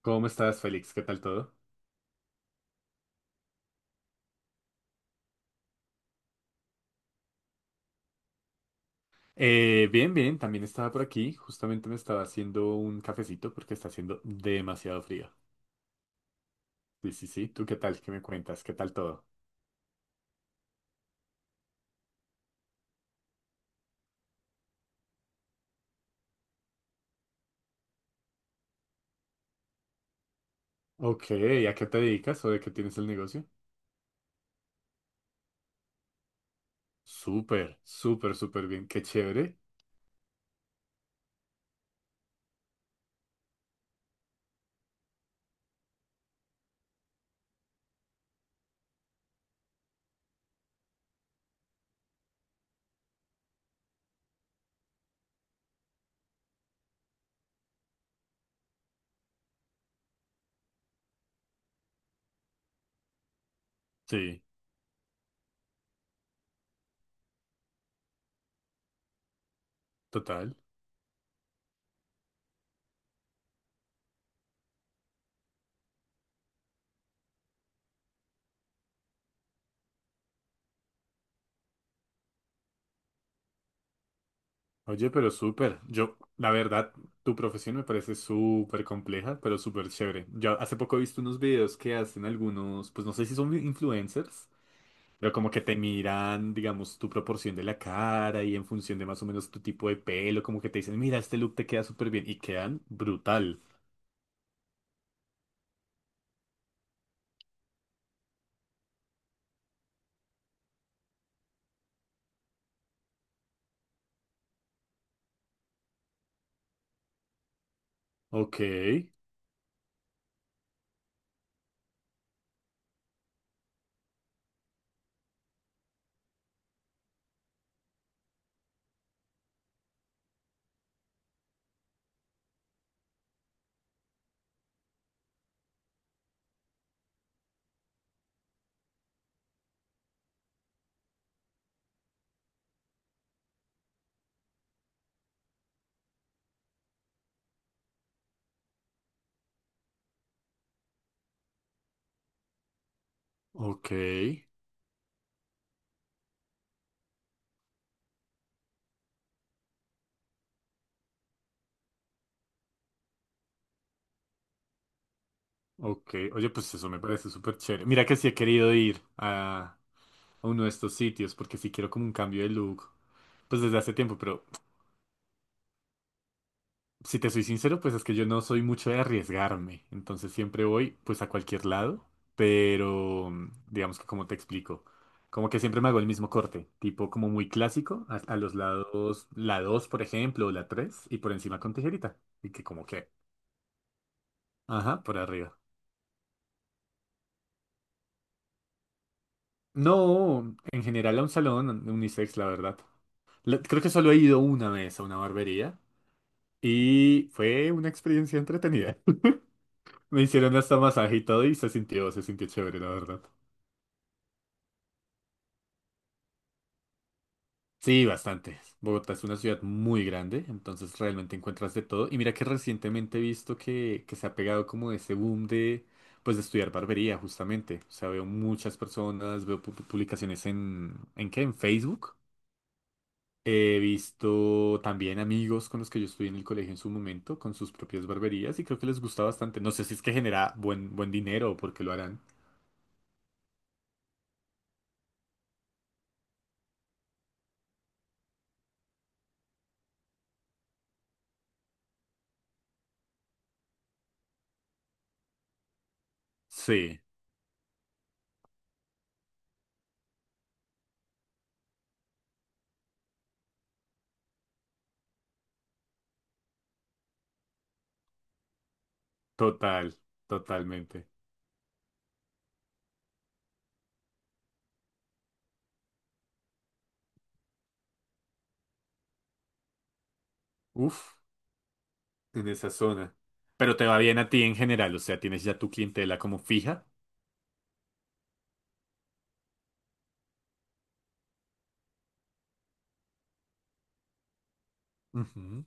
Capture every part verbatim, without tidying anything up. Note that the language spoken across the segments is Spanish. ¿Cómo estás, Félix? ¿Qué tal todo? Eh, bien, bien, también estaba por aquí. Justamente me estaba haciendo un cafecito porque está haciendo demasiado frío. Sí, sí, sí. ¿Tú qué tal? ¿Qué me cuentas? ¿Qué tal todo? Ok, ¿a qué te dedicas o de qué tienes el negocio? Súper, súper, súper bien. Qué chévere. Sí, total. Oye, pero súper. Yo, la verdad, tu profesión me parece súper compleja, pero súper chévere. Yo hace poco he visto unos videos que hacen algunos, pues no sé si son influencers. Pero como que te miran, digamos, tu proporción de la cara y en función de más o menos tu tipo de pelo, como que te dicen, mira, este look te queda súper bien y quedan brutal. Ok, ok, ok. Oye, pues eso me parece súper chévere. Mira que sí he querido ir a, a uno de estos sitios porque sí quiero como un cambio de look, pues desde hace tiempo, pero… Si te soy sincero, pues es que yo no soy mucho de arriesgarme, entonces siempre voy pues a cualquier lado, pero mm, digamos que como te explico, como que siempre me hago el mismo corte, tipo como muy clásico, a, a los lados, la dos por ejemplo, o la tres y por encima con tijerita, y que como que, ajá, por arriba. No, en general a un salón unisex, la verdad. La- creo que solo he ido una vez a una barbería y fue una experiencia entretenida. Me hicieron hasta masaje y todo y se sintió, se sintió chévere, la verdad. Sí, bastante. Bogotá es una ciudad muy grande, entonces realmente encuentras de todo. Y mira que recientemente he visto que, que se ha pegado como ese boom de, pues, de estudiar barbería, justamente. O sea, veo muchas personas, veo pu- publicaciones en, ¿en qué? En Facebook. He visto también amigos con los que yo estudié en el colegio en su momento, con sus propias barberías, y creo que les gusta bastante. No sé si es que genera buen, buen dinero o por qué lo harán. Sí, total, totalmente. Uf. En esa zona. Pero te va bien a ti en general, o sea, tienes ya tu clientela como fija. Ujú.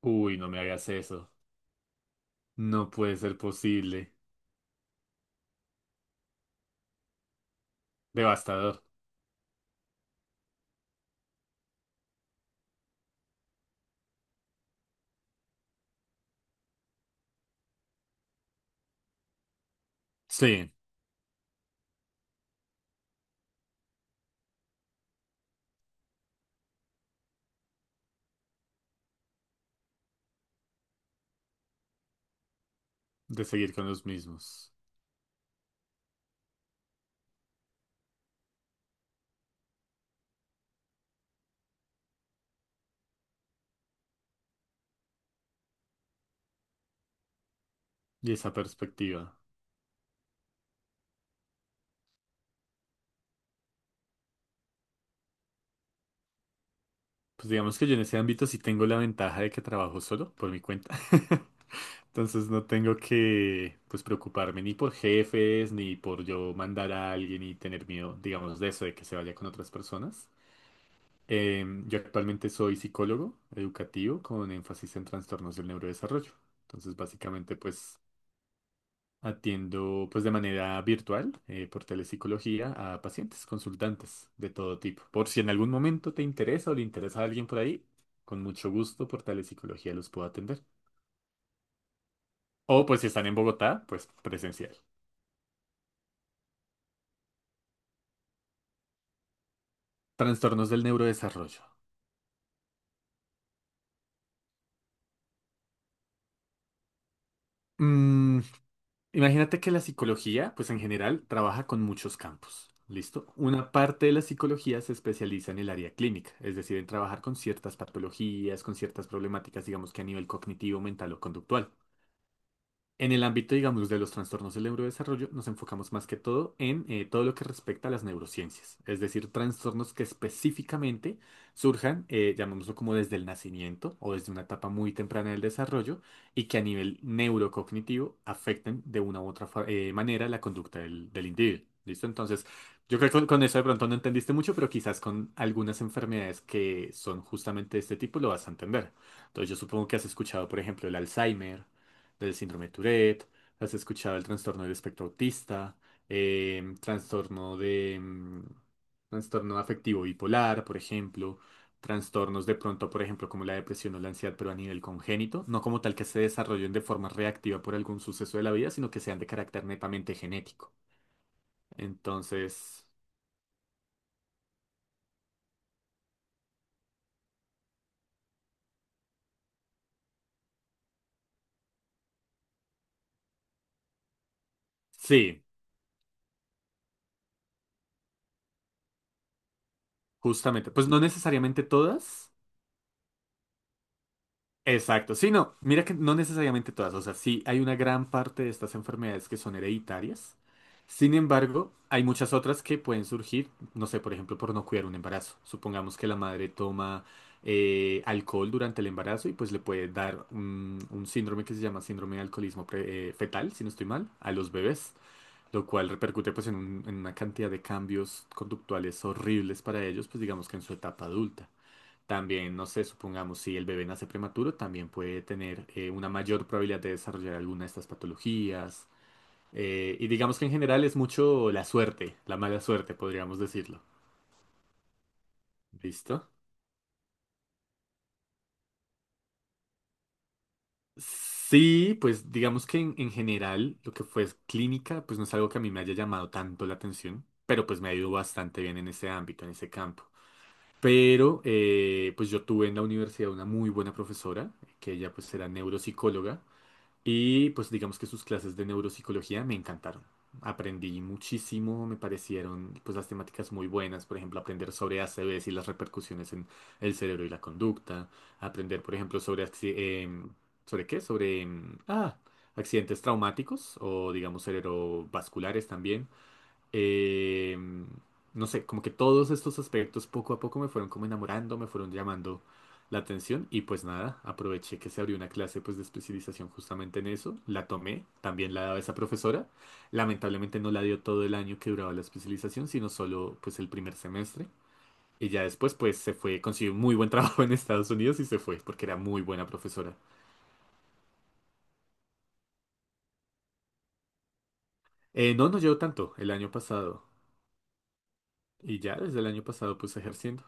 Uy, no me hagas eso. No puede ser posible. Devastador. Sí, de seguir con los mismos. Y esa perspectiva. Pues digamos que yo en ese ámbito sí tengo la ventaja de que trabajo solo por mi cuenta. Entonces no tengo que pues preocuparme ni por jefes, ni por yo mandar a alguien y tener miedo, digamos, de eso, de que se vaya con otras personas. Em, yo actualmente soy psicólogo educativo con énfasis en trastornos del neurodesarrollo. Entonces, básicamente, pues atiendo pues de manera virtual eh, por telepsicología a pacientes, consultantes de todo tipo. Por si en algún momento te interesa o le interesa a alguien por ahí, con mucho gusto por telepsicología los puedo atender. O pues si están en Bogotá, pues presencial. Trastornos del neurodesarrollo. Mm, Imagínate que la psicología, pues en general, trabaja con muchos campos. ¿Listo? Una parte de la psicología se especializa en el área clínica, es decir, en trabajar con ciertas patologías, con ciertas problemáticas, digamos que a nivel cognitivo, mental o conductual. En el ámbito, digamos, de los trastornos del neurodesarrollo, nos enfocamos más que todo en eh, todo lo que respecta a las neurociencias, es decir, trastornos que específicamente surjan, eh, llamémoslo como desde el nacimiento o desde una etapa muy temprana del desarrollo y que a nivel neurocognitivo afecten de una u otra fa- eh, manera la conducta del, del individuo. ¿Listo? Entonces, yo creo que con, con eso de pronto no entendiste mucho, pero quizás con algunas enfermedades que son justamente de este tipo lo vas a entender. Entonces, yo supongo que has escuchado, por ejemplo, el Alzheimer, del síndrome de Tourette, has escuchado el trastorno del espectro autista, em, trastorno de mm, trastorno afectivo bipolar, por ejemplo, trastornos de pronto, por ejemplo, como la depresión o la ansiedad, pero a nivel congénito, no como tal que se desarrollen de forma reactiva por algún suceso de la vida, sino que sean de carácter netamente genético. Entonces, sí, justamente, pues no necesariamente todas. Exacto, sí, no, mira que no necesariamente todas, o sea, sí hay una gran parte de estas enfermedades que son hereditarias, sin embargo, hay muchas otras que pueden surgir, no sé, por ejemplo, por no cuidar un embarazo. Supongamos que la madre toma eh, alcohol durante el embarazo y pues le puede dar un, un síndrome que se llama síndrome de alcoholismo pre- eh, fetal, si no estoy mal, a los bebés, lo cual repercute pues en, un- en una cantidad de cambios conductuales horribles para ellos, pues digamos que en su etapa adulta. También, no sé, supongamos, si el bebé nace prematuro, también puede tener eh, una mayor probabilidad de desarrollar alguna de estas patologías. Eh, y digamos que en general es mucho la suerte, la mala suerte, podríamos decirlo. ¿Listo? Sí, pues digamos que en, en general lo que fue es clínica, pues no es algo que a mí me haya llamado tanto la atención, pero pues me ha ido bastante bien en ese ámbito, en ese campo. Pero eh, pues yo tuve en la universidad una muy buena profesora, que ella pues era neuropsicóloga. Y pues digamos que sus clases de neuropsicología me encantaron. Aprendí muchísimo, me parecieron pues las temáticas muy buenas, por ejemplo, aprender sobre A C Vs y las repercusiones en el cerebro y la conducta, aprender, por ejemplo, sobre acci- em, ¿sobre qué? Sobre em, ah, accidentes traumáticos o digamos cerebrovasculares también eh, no sé, como que todos estos aspectos poco a poco me fueron como enamorando, me fueron llamando la atención y pues nada, aproveché que se abrió una clase pues de especialización justamente en eso, la tomé, también la daba esa profesora, lamentablemente no la dio todo el año que duraba la especialización, sino solo pues el primer semestre. Y ya después, pues se fue, consiguió un muy buen trabajo en Estados Unidos y se fue, porque era muy buena profesora. Eh, no, no llevo tanto el año pasado. Y ya desde el año pasado, pues ejerciendo.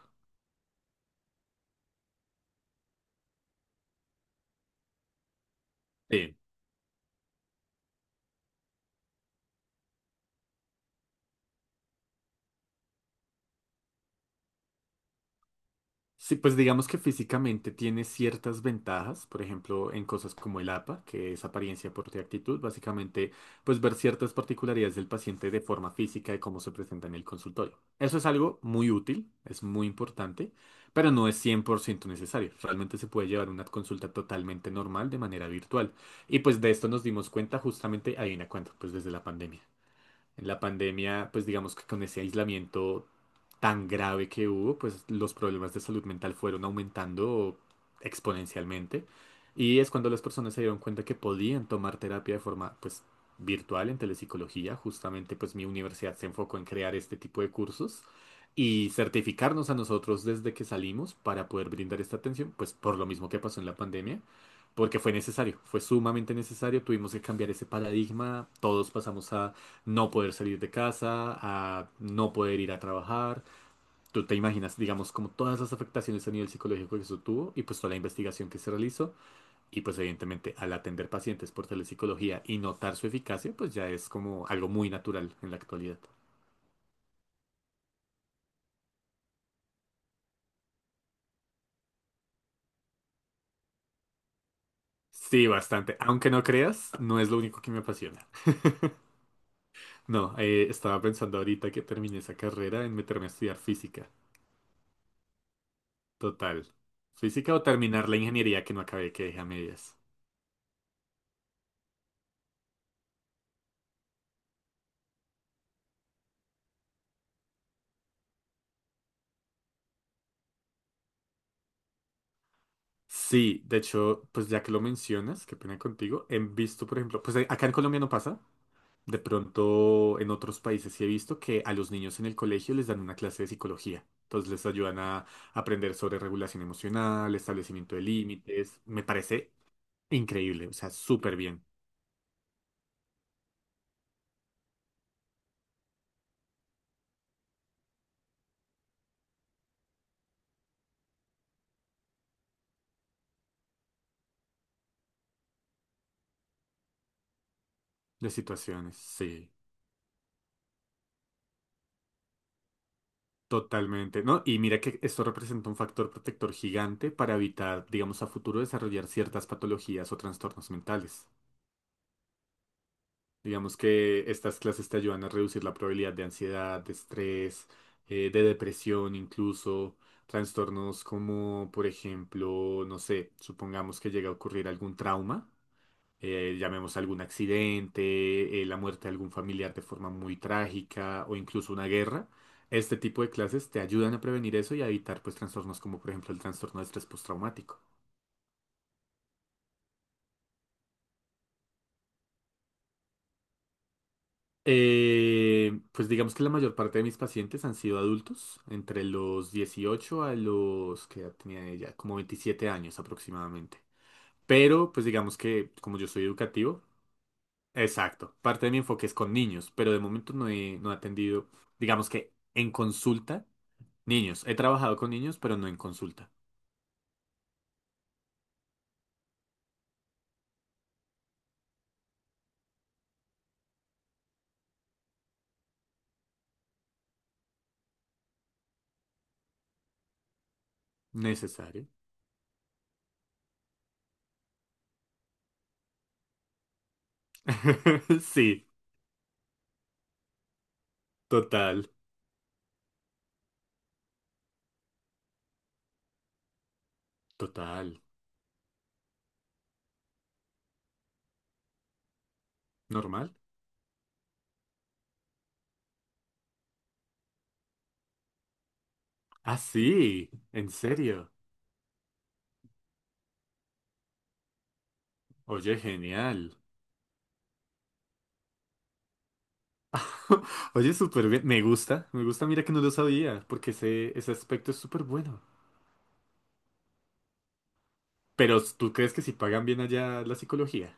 Sí. Sí, pues digamos que físicamente tiene ciertas ventajas, por ejemplo, en cosas como el APA, que es apariencia, porte y actitud, básicamente, pues ver ciertas particularidades del paciente de forma física de cómo se presenta en el consultorio. Eso es algo muy útil, es muy importante, pero no es cien por ciento necesario. Realmente se puede llevar una consulta totalmente normal de manera virtual. Y pues de esto nos dimos cuenta justamente, ahí una cuenta, pues desde la pandemia. En la pandemia, pues digamos que con ese aislamiento tan grave que hubo, pues los problemas de salud mental fueron aumentando exponencialmente. Y es cuando las personas se dieron cuenta que podían tomar terapia de forma, pues, virtual en telepsicología. Justamente, pues, mi universidad se enfocó en crear este tipo de cursos y certificarnos a nosotros desde que salimos para poder brindar esta atención, pues, por lo mismo que pasó en la pandemia. Porque fue necesario, fue sumamente necesario, tuvimos que cambiar ese paradigma, todos pasamos a no poder salir de casa, a no poder ir a trabajar. Tú te imaginas, digamos, como todas las afectaciones a nivel psicológico que eso tuvo y pues toda la investigación que se realizó y pues evidentemente al atender pacientes por telepsicología y notar su eficacia, pues ya es como algo muy natural en la actualidad. Sí, bastante. Aunque no creas, no es lo único que me apasiona. No, eh, estaba pensando ahorita que terminé esa carrera en meterme a estudiar física. Total. Física o terminar la ingeniería que no acabé, que dejé a medias. Sí, de hecho, pues ya que lo mencionas, qué pena contigo, he visto, por ejemplo, pues eh, acá en Colombia no pasa, de pronto en otros países sí he visto que a los niños en el colegio les dan una clase de psicología, entonces les ayudan a aprender sobre regulación emocional, establecimiento de límites, me parece increíble, o sea, súper bien de situaciones, sí, totalmente, ¿no? Y mira que esto representa un factor protector gigante para evitar, digamos, a futuro desarrollar ciertas patologías o trastornos mentales. Digamos que estas clases te ayudan a reducir la probabilidad de ansiedad, de estrés, eh, de depresión incluso, trastornos como, por ejemplo, no sé, supongamos que llega a ocurrir algún trauma, eh, llamemos algún accidente, eh, la muerte de algún familiar de forma muy trágica o incluso una guerra. Este tipo de clases te ayudan a prevenir eso y a evitar pues trastornos como por ejemplo el trastorno de estrés postraumático. Eh, pues digamos que la mayor parte de mis pacientes han sido adultos, entre los dieciocho a los que tenía ella, como veintisiete años aproximadamente. Pero pues digamos que como yo soy educativo, exacto, parte de mi enfoque es con niños, pero de momento no he, no he atendido, digamos que en consulta, niños. He trabajado con niños, pero no en consulta. Necesario. Sí, total, total. ¿Normal? Ah, sí, en serio. Oye, genial. Oye, súper bien. Me gusta, me gusta. Mira que no lo sabía, porque ese, ese aspecto es súper bueno. Pero ¿tú crees que si pagan bien allá la psicología?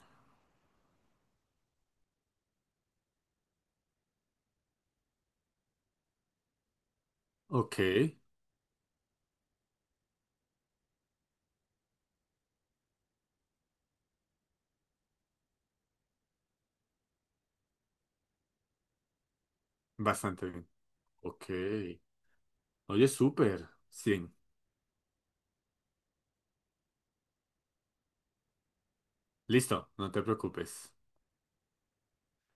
Ok, bastante bien. Ok. Oye, súper. cien. Listo, no te preocupes.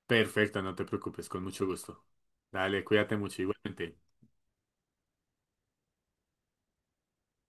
Perfecto, no te preocupes, con mucho gusto. Dale, cuídate mucho igualmente.